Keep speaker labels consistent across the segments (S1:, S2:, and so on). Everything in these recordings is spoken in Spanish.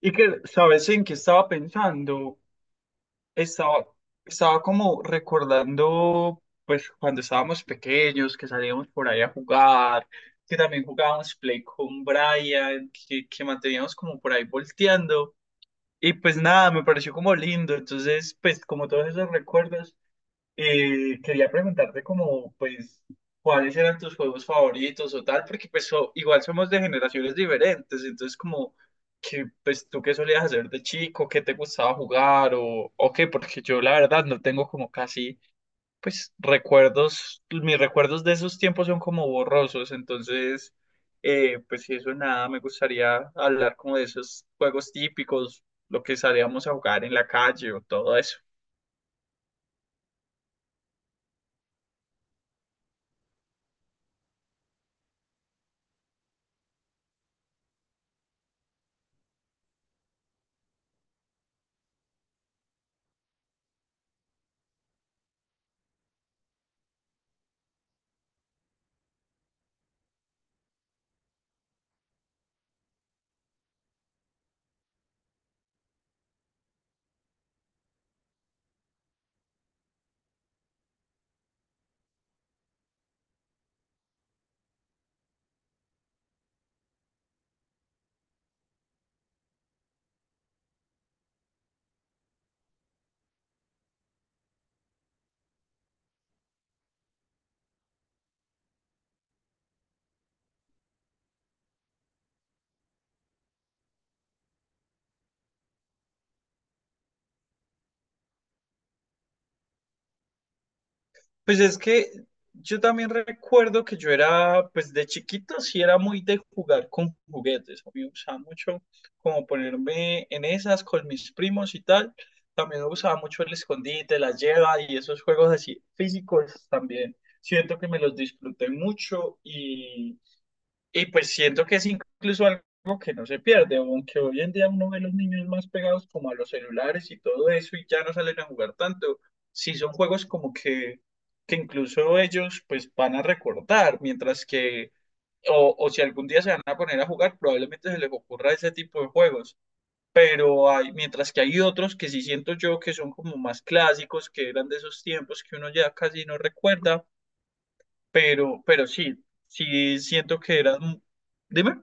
S1: Y que, ¿sabes en qué estaba pensando? Estaba, estaba como recordando, pues, cuando estábamos pequeños, que salíamos por ahí a jugar, que también jugábamos Play con Brian, que manteníamos como por ahí volteando. Y pues nada, me pareció como lindo. Entonces, pues, como todos esos recuerdos. Quería preguntarte como, pues, cuáles eran tus juegos favoritos o tal, porque pues igual somos de generaciones diferentes, entonces como que, pues, tú qué solías hacer de chico, qué te gustaba jugar o qué, porque yo la verdad no tengo como casi, pues, recuerdos, mis recuerdos de esos tiempos son como borrosos, entonces, pues, si eso nada, me gustaría hablar como de esos juegos típicos, lo que salíamos a jugar en la calle o todo eso. Pues es que yo también recuerdo que yo era, pues de chiquito sí era muy de jugar con juguetes. A mí me gustaba mucho como ponerme en esas con mis primos y tal. También me gustaba mucho el escondite, la lleva y esos juegos así físicos también. Siento que me los disfruté mucho y pues siento que es incluso algo que no se pierde, aunque hoy en día uno ve los niños más pegados como a los celulares y todo eso y ya no salen a jugar tanto. Sí son juegos como que incluso ellos pues van a recordar, mientras que, o si algún día se van a poner a jugar, probablemente se les ocurra ese tipo de juegos. Pero hay, mientras que hay otros que sí siento yo que son como más clásicos, que eran de esos tiempos que uno ya casi no recuerda, pero sí, sí siento que eran... Dime.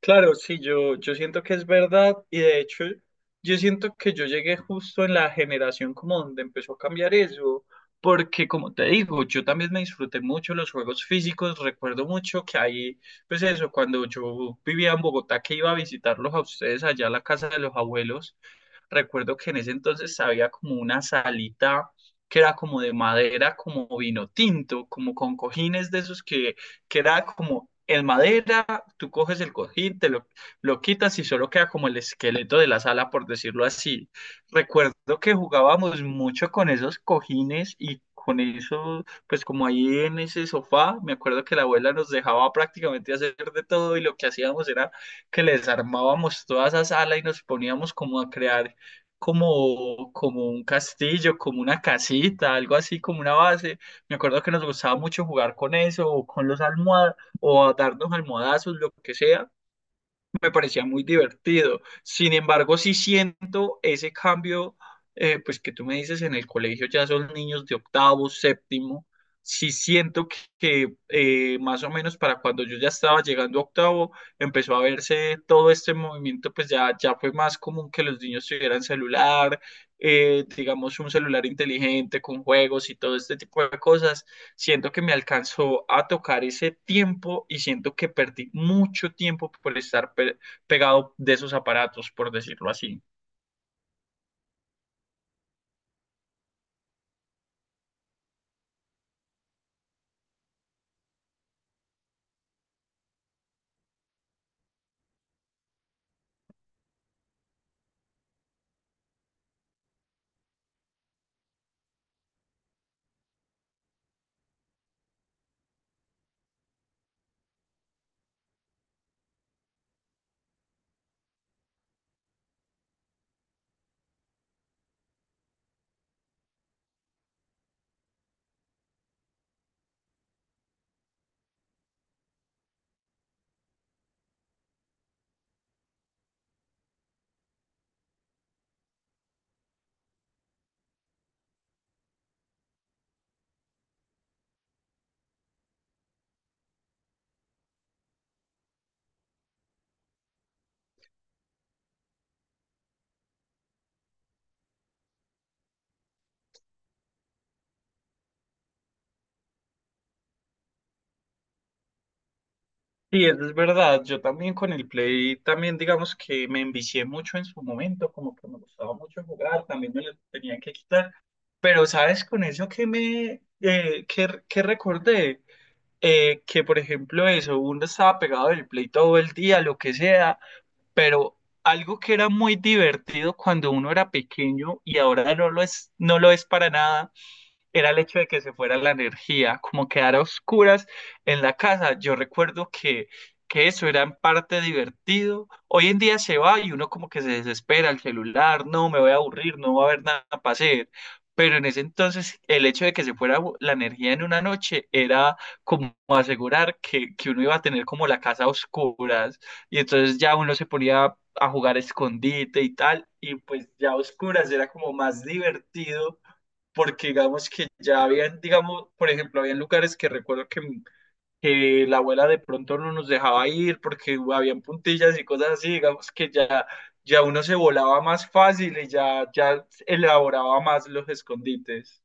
S1: Claro, sí, yo siento que es verdad y de hecho yo siento que yo llegué justo en la generación como donde empezó a cambiar eso, porque como te digo, yo también me disfruté mucho los juegos físicos, recuerdo mucho que ahí, pues eso, cuando yo vivía en Bogotá que iba a visitarlos a ustedes allá a la casa de los abuelos, recuerdo que en ese entonces había como una salita que era como de madera, como vino tinto, como con cojines de esos que era como en madera, tú coges el cojín, lo quitas y solo queda como el esqueleto de la sala, por decirlo así. Recuerdo que jugábamos mucho con esos cojines y con eso, pues como ahí en ese sofá, me acuerdo que la abuela nos dejaba prácticamente hacer de todo y lo que hacíamos era que les armábamos toda esa sala y nos poníamos como a crear como un castillo, como una casita, algo así, como una base, me acuerdo que nos gustaba mucho jugar con eso, o con los almohadas, o a darnos almohadazos, lo que sea me parecía muy divertido. Sin embargo, sí siento ese cambio, pues que tú me dices en el colegio ya son niños de octavo, séptimo. Sí siento que, más o menos para cuando yo ya estaba llegando a octavo, empezó a verse todo este movimiento, pues ya, ya fue más común que los niños tuvieran celular, digamos un celular inteligente con juegos y todo este tipo de cosas. Siento que me alcanzó a tocar ese tiempo y siento que perdí mucho tiempo por estar pegado de esos aparatos, por decirlo así. Sí, eso es verdad. Yo también con el Play, también digamos que me envicié mucho en su momento, como que me gustaba mucho jugar, también me lo tenían que quitar. Pero sabes, con eso que recordé, que por ejemplo eso, uno estaba pegado del Play todo el día, lo que sea, pero algo que era muy divertido cuando uno era pequeño y ahora no lo es, no lo es para nada, era el hecho de que se fuera la energía, como quedar a oscuras en la casa. Yo recuerdo que eso era en parte divertido. Hoy en día se va y uno como que se desespera, el celular, no, me voy a aburrir, no va a haber nada para hacer. Pero en ese entonces el hecho de que se fuera la energía en una noche era como asegurar que uno iba a tener como la casa a oscuras y entonces ya uno se ponía a jugar escondite y tal y pues ya a oscuras era como más divertido porque digamos que ya habían, digamos, por ejemplo, habían lugares que recuerdo que la abuela de pronto no nos dejaba ir porque habían puntillas y cosas así, digamos que ya, ya uno se volaba más fácil y ya, ya elaboraba más los escondites.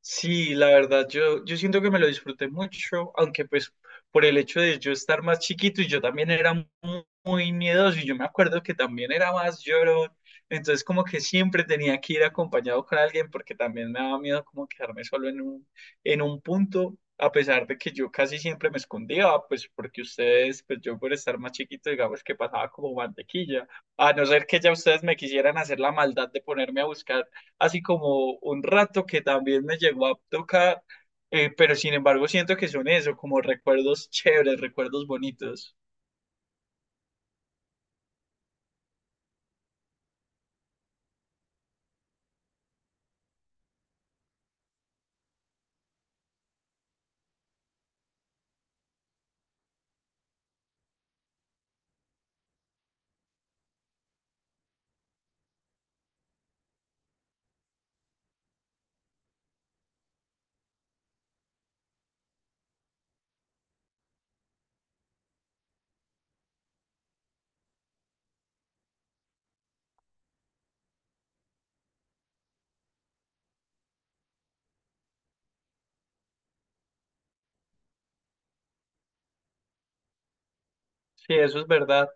S1: Sí, la verdad, yo siento que me lo disfruté mucho, aunque pues por el hecho de yo estar más chiquito y yo también era muy, miedoso y yo me acuerdo que también era más llorón, entonces como que siempre tenía que ir acompañado con alguien porque también me daba miedo como quedarme solo en un punto, a pesar de que yo casi siempre me escondía, pues porque ustedes, pues yo por estar más chiquito, digamos que pasaba como mantequilla, a no ser que ya ustedes me quisieran hacer la maldad de ponerme a buscar así como un rato que también me llegó a tocar, pero sin embargo siento que son eso, como recuerdos chéveres, recuerdos bonitos. Sí, eso es verdad.